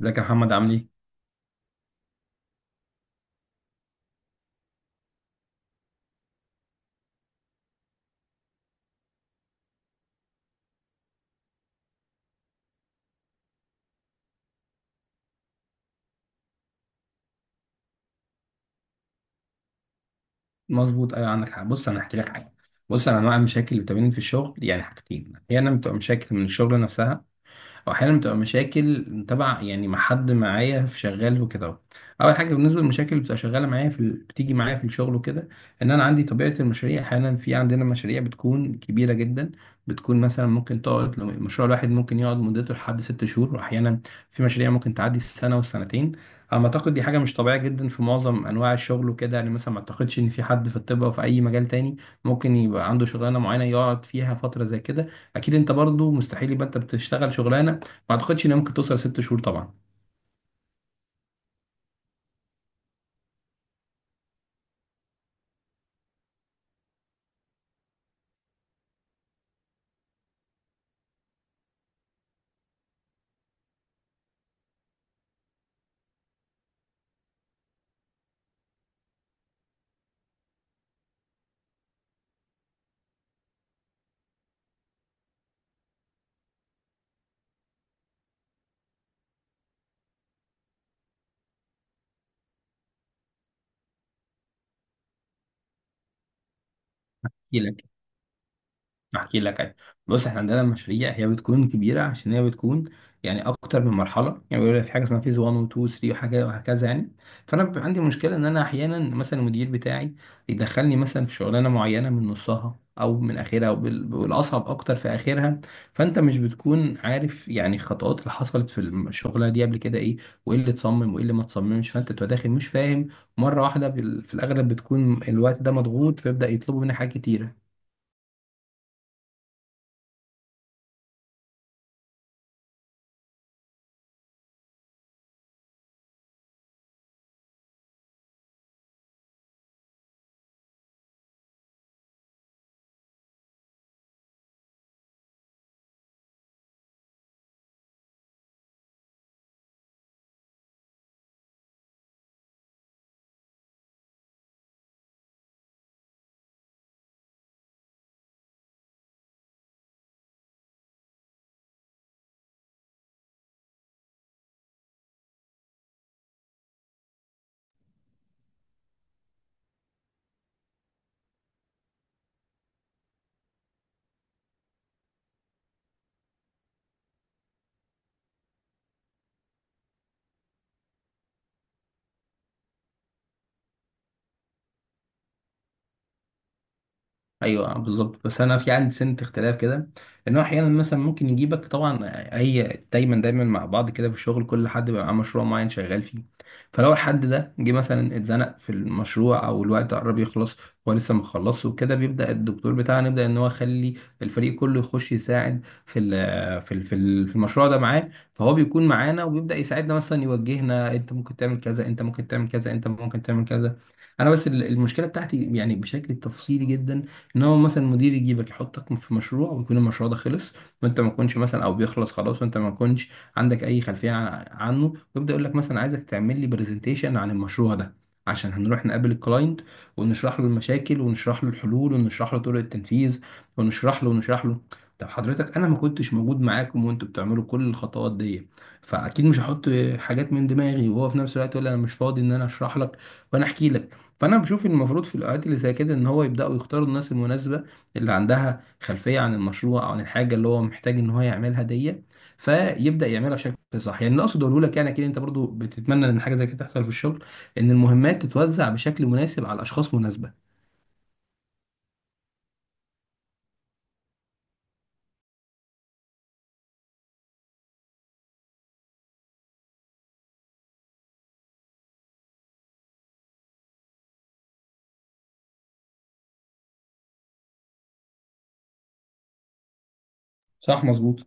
ازيك يا محمد؟ عامل ايه؟ مظبوط، ايوه، عندك حق. بص، انا هحكي لك حاجه. بص، انا انواع المشاكل اللي بتقابلني في الشغل يعني حاجتين. احيانا بتبقى مشاكل من الشغل نفسها، واحيانا بتبقى مشاكل تبع يعني مع حد معايا في شغال وكده. اول حاجه بالنسبه للمشاكل اللي بتبقى شغاله معايا بتيجي معايا في الشغل وكده، ان انا عندي طبيعه المشاريع. احيانا في عندنا مشاريع بتكون كبيره جدا، بتكون مثلا ممكن تقعد، لو المشروع الواحد ممكن يقعد مدته لحد 6 شهور، واحيانا في مشاريع ممكن تعدي السنه والسنتين. على ما اعتقد دي حاجه مش طبيعيه جدا في معظم انواع الشغل وكده، يعني مثلا ما اعتقدش ان في حد في الطب او في اي مجال تاني ممكن يبقى عنده شغلانه معينه يقعد فيها فتره زي كده. اكيد انت برضو مستحيل يبقى انت بتشتغل شغلانه ما اعتقدش انها ممكن توصل 6 شهور طبعا. احكي لك أي. بص، احنا عندنا مشاريع هي بتكون كبيره عشان هي بتكون يعني اكتر من مرحله، يعني بيقول لك في حاجه اسمها فيز 1 و 2 و 3 وحاجه وهكذا يعني. فانا بيبقى عندي مشكله ان انا احيانا مثلا المدير بتاعي يدخلني مثلا في شغلانه معينه من نصها او من اخرها او والاصعب اكتر في اخرها. فانت مش بتكون عارف يعني الخطوات اللي حصلت في الشغله دي قبل كده ايه، وايه اللي اتصمم وايه اللي ما اتصممش، فانت بتبقى داخل مش فاهم مره واحده. في الاغلب بتكون الوقت ده مضغوط، فيبدا يطلبوا منك حاجات كتيره. ايوه بالظبط. بس انا في عندي سنه اختلاف كده، ان هو احيانا مثلا ممكن يجيبك طبعا. هي دايما دايما مع بعض كده في الشغل، كل حد بيبقى معاه مشروع معين شغال فيه. فلو الحد ده جه مثلا اتزنق في المشروع او الوقت قرب يخلص، هو لسه مخلصش وكده، بيبدا الدكتور بتاعنا يبدا ان هو يخلي الفريق كله يخش يساعد في المشروع ده معاه. فهو بيكون معانا وبيبدا يساعدنا، مثلا يوجهنا، انت ممكن تعمل كذا، انت ممكن تعمل كذا، انت ممكن تعمل كذا. انا بس المشكله بتاعتي يعني بشكل تفصيلي جدا، ان هو مثلا مدير يجيبك يحطك في مشروع ويكون المشروع ده خلص، وانت ما تكونش مثلا، او بيخلص خلاص وانت ما تكونش عندك اي خلفيه عنه، ويبدا يقول لك مثلا عايزك تعمل لي برزنتيشن عن المشروع ده، عشان هنروح نقابل الكلاينت ونشرح له المشاكل ونشرح له الحلول ونشرح له طرق التنفيذ ونشرح له ونشرح له. طب حضرتك، انا ما كنتش موجود معاكم وانتوا بتعملوا كل الخطوات دي، فاكيد مش هحط حاجات من دماغي، وهو في نفس الوقت يقول لي انا مش فاضي ان انا اشرح لك وانا احكي لك. فانا بشوف إن المفروض في الاوقات اللي زي كده ان هو يبداوا يختاروا الناس المناسبه اللي عندها خلفيه عن المشروع او عن الحاجه اللي هو محتاج ان هو يعملها دي، فيبدا يعملها بشكل صح. يعني اللي اقصد اقوله لك يعني كده، انت برضو بتتمنى ان حاجه زي كده تحصل في الشغل، ان المهمات تتوزع بشكل مناسب على اشخاص مناسبه. صح، مظبوط.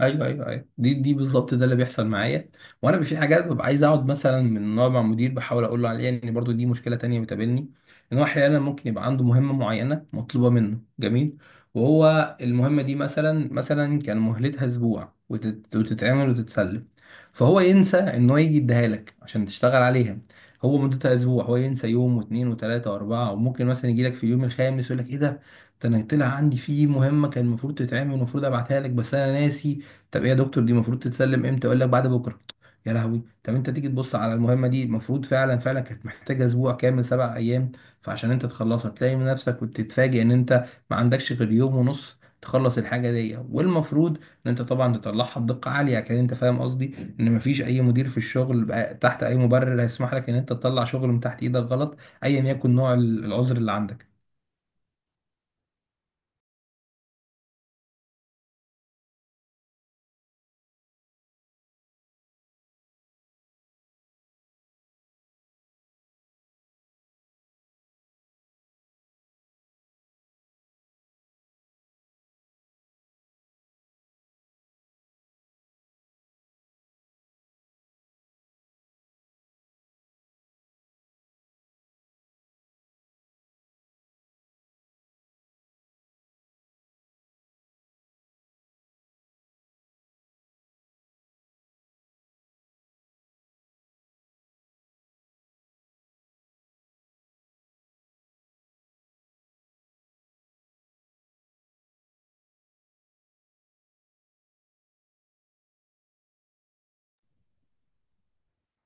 ايوه ايوه ايوه، دي بالظبط ده اللي بيحصل معايا. وانا في حاجات ببقى عايز اقعد مثلا من نوع مع مدير بحاول اقول له عليها، ان برضو دي مشكله تانية بتقابلني، ان هو احيانا ممكن يبقى عنده مهمه معينه مطلوبه منه، جميل، وهو المهمه دي مثلا كان مهلتها اسبوع وتتعمل وتتسلم، فهو ينسى ان هو يجي يديها لك عشان تشتغل عليها. هو مدتها اسبوع، هو ينسى يوم واثنين وثلاثه واربعه، وممكن مثلا يجي لك في اليوم الخامس يقول لك ايه ده، ده انا طلع عندي في مهمه كان المفروض تتعمل، المفروض ابعتها لك بس انا ناسي. طب ايه يا دكتور، دي المفروض تتسلم امتى؟ يقول لك بعد بكره. يا لهوي! طب انت تيجي تبص على المهمه دي المفروض، فعلا فعلا كانت محتاجه اسبوع كامل، 7 ايام. فعشان انت تخلصها تلاقي من نفسك وتتفاجئ ان انت ما عندكش غير يوم ونص تخلص الحاجه دي، والمفروض ان انت طبعا تطلعها بدقه عاليه. كان انت فاهم قصدي، ان مفيش اي مدير في الشغل بقى تحت اي مبرر هيسمح لك ان انت تطلع شغل من تحت ايدك غلط، ايا يكن نوع العذر اللي عندك.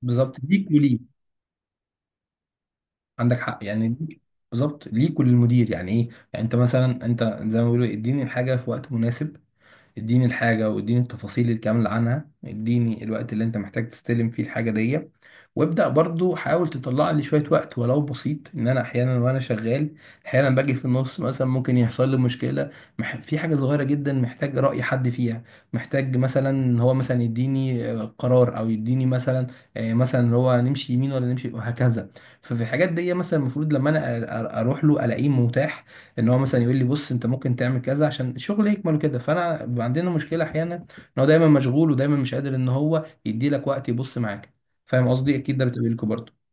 بالظبط ليك وليه. عندك حق يعني دي. بالظبط ليك وللمدير، يعني ايه؟ يعني انت مثلا انت زي ما بيقولوا، اديني الحاجه في وقت مناسب، اديني الحاجة واديني التفاصيل الكاملة عنها، اديني الوقت اللي انت محتاج تستلم فيه الحاجة دي. وابدأ، برضو حاول تطلع لي شوية وقت ولو بسيط، ان انا احيانا وانا شغال احيانا باجي في النص، مثلا ممكن يحصل لي مشكلة، في حاجة صغيرة جدا محتاج رأي حد فيها، محتاج مثلا ان هو مثلا يديني قرار، او يديني مثلا مثلا، إن هو نمشي يمين ولا نمشي وهكذا. ففي الحاجات دي مثلا المفروض لما انا اروح له الاقيه متاح، ان هو مثلا يقول لي بص انت ممكن تعمل كذا عشان الشغل يكمل كده. فانا بيبقى عندنا مشكله احيانا ان هو دايما مشغول ودايما مش قادر ان هو يدي لك وقت يبص معاك. فاهم قصدي؟ اكيد ده بتقابلكوا برضه.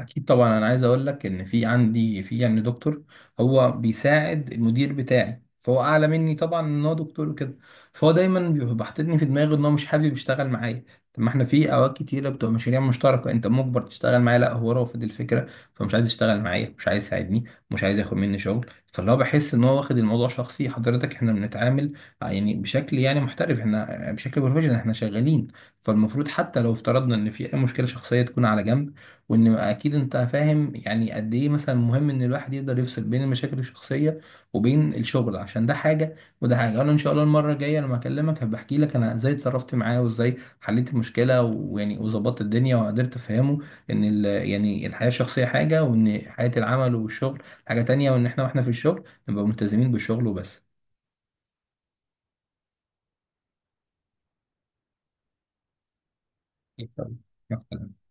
اكيد طبعا. انا عايز اقول لك ان في عندي في يعني دكتور هو بيساعد المدير بتاعي، فهو اعلى مني طبعا ان هو دكتور وكده، فهو دايما بيبقى حاططني في دماغه ان هو مش حابب يشتغل معايا. طب ما احنا في اوقات كتيره بتبقى مشاريع مشتركه انت مجبر تشتغل معايا، لا، هو رافض الفكره، فمش عايز يشتغل معايا، مش عايز يساعدني، مش عايز ياخد مني شغل. فاللي هو بحس ان هو واخد الموضوع شخصي. حضرتك، احنا بنتعامل يعني بشكل يعني محترف، احنا بشكل بروفيشنال احنا شغالين، فالمفروض حتى لو افترضنا ان في اي مشكله شخصيه تكون على جنب. وان اكيد انت فاهم يعني قد ايه مثلا مهم ان الواحد يقدر يفصل بين المشاكل الشخصيه وبين الشغل، عشان ده حاجه وده حاجه. انا ان شاء الله المره الجايه لما اكلمك هبقى احكي لك انا ازاي اتصرفت معاه وازاي حليت المشكله، ويعني وظبطت الدنيا وقدرت افهمه يعني الحياه الشخصيه حاجه، وان حياه العمل والشغل حاجه تانية، وان احنا واحنا في الشغل نبقى ملتزمين بالشغل وبس. إن شاء الله.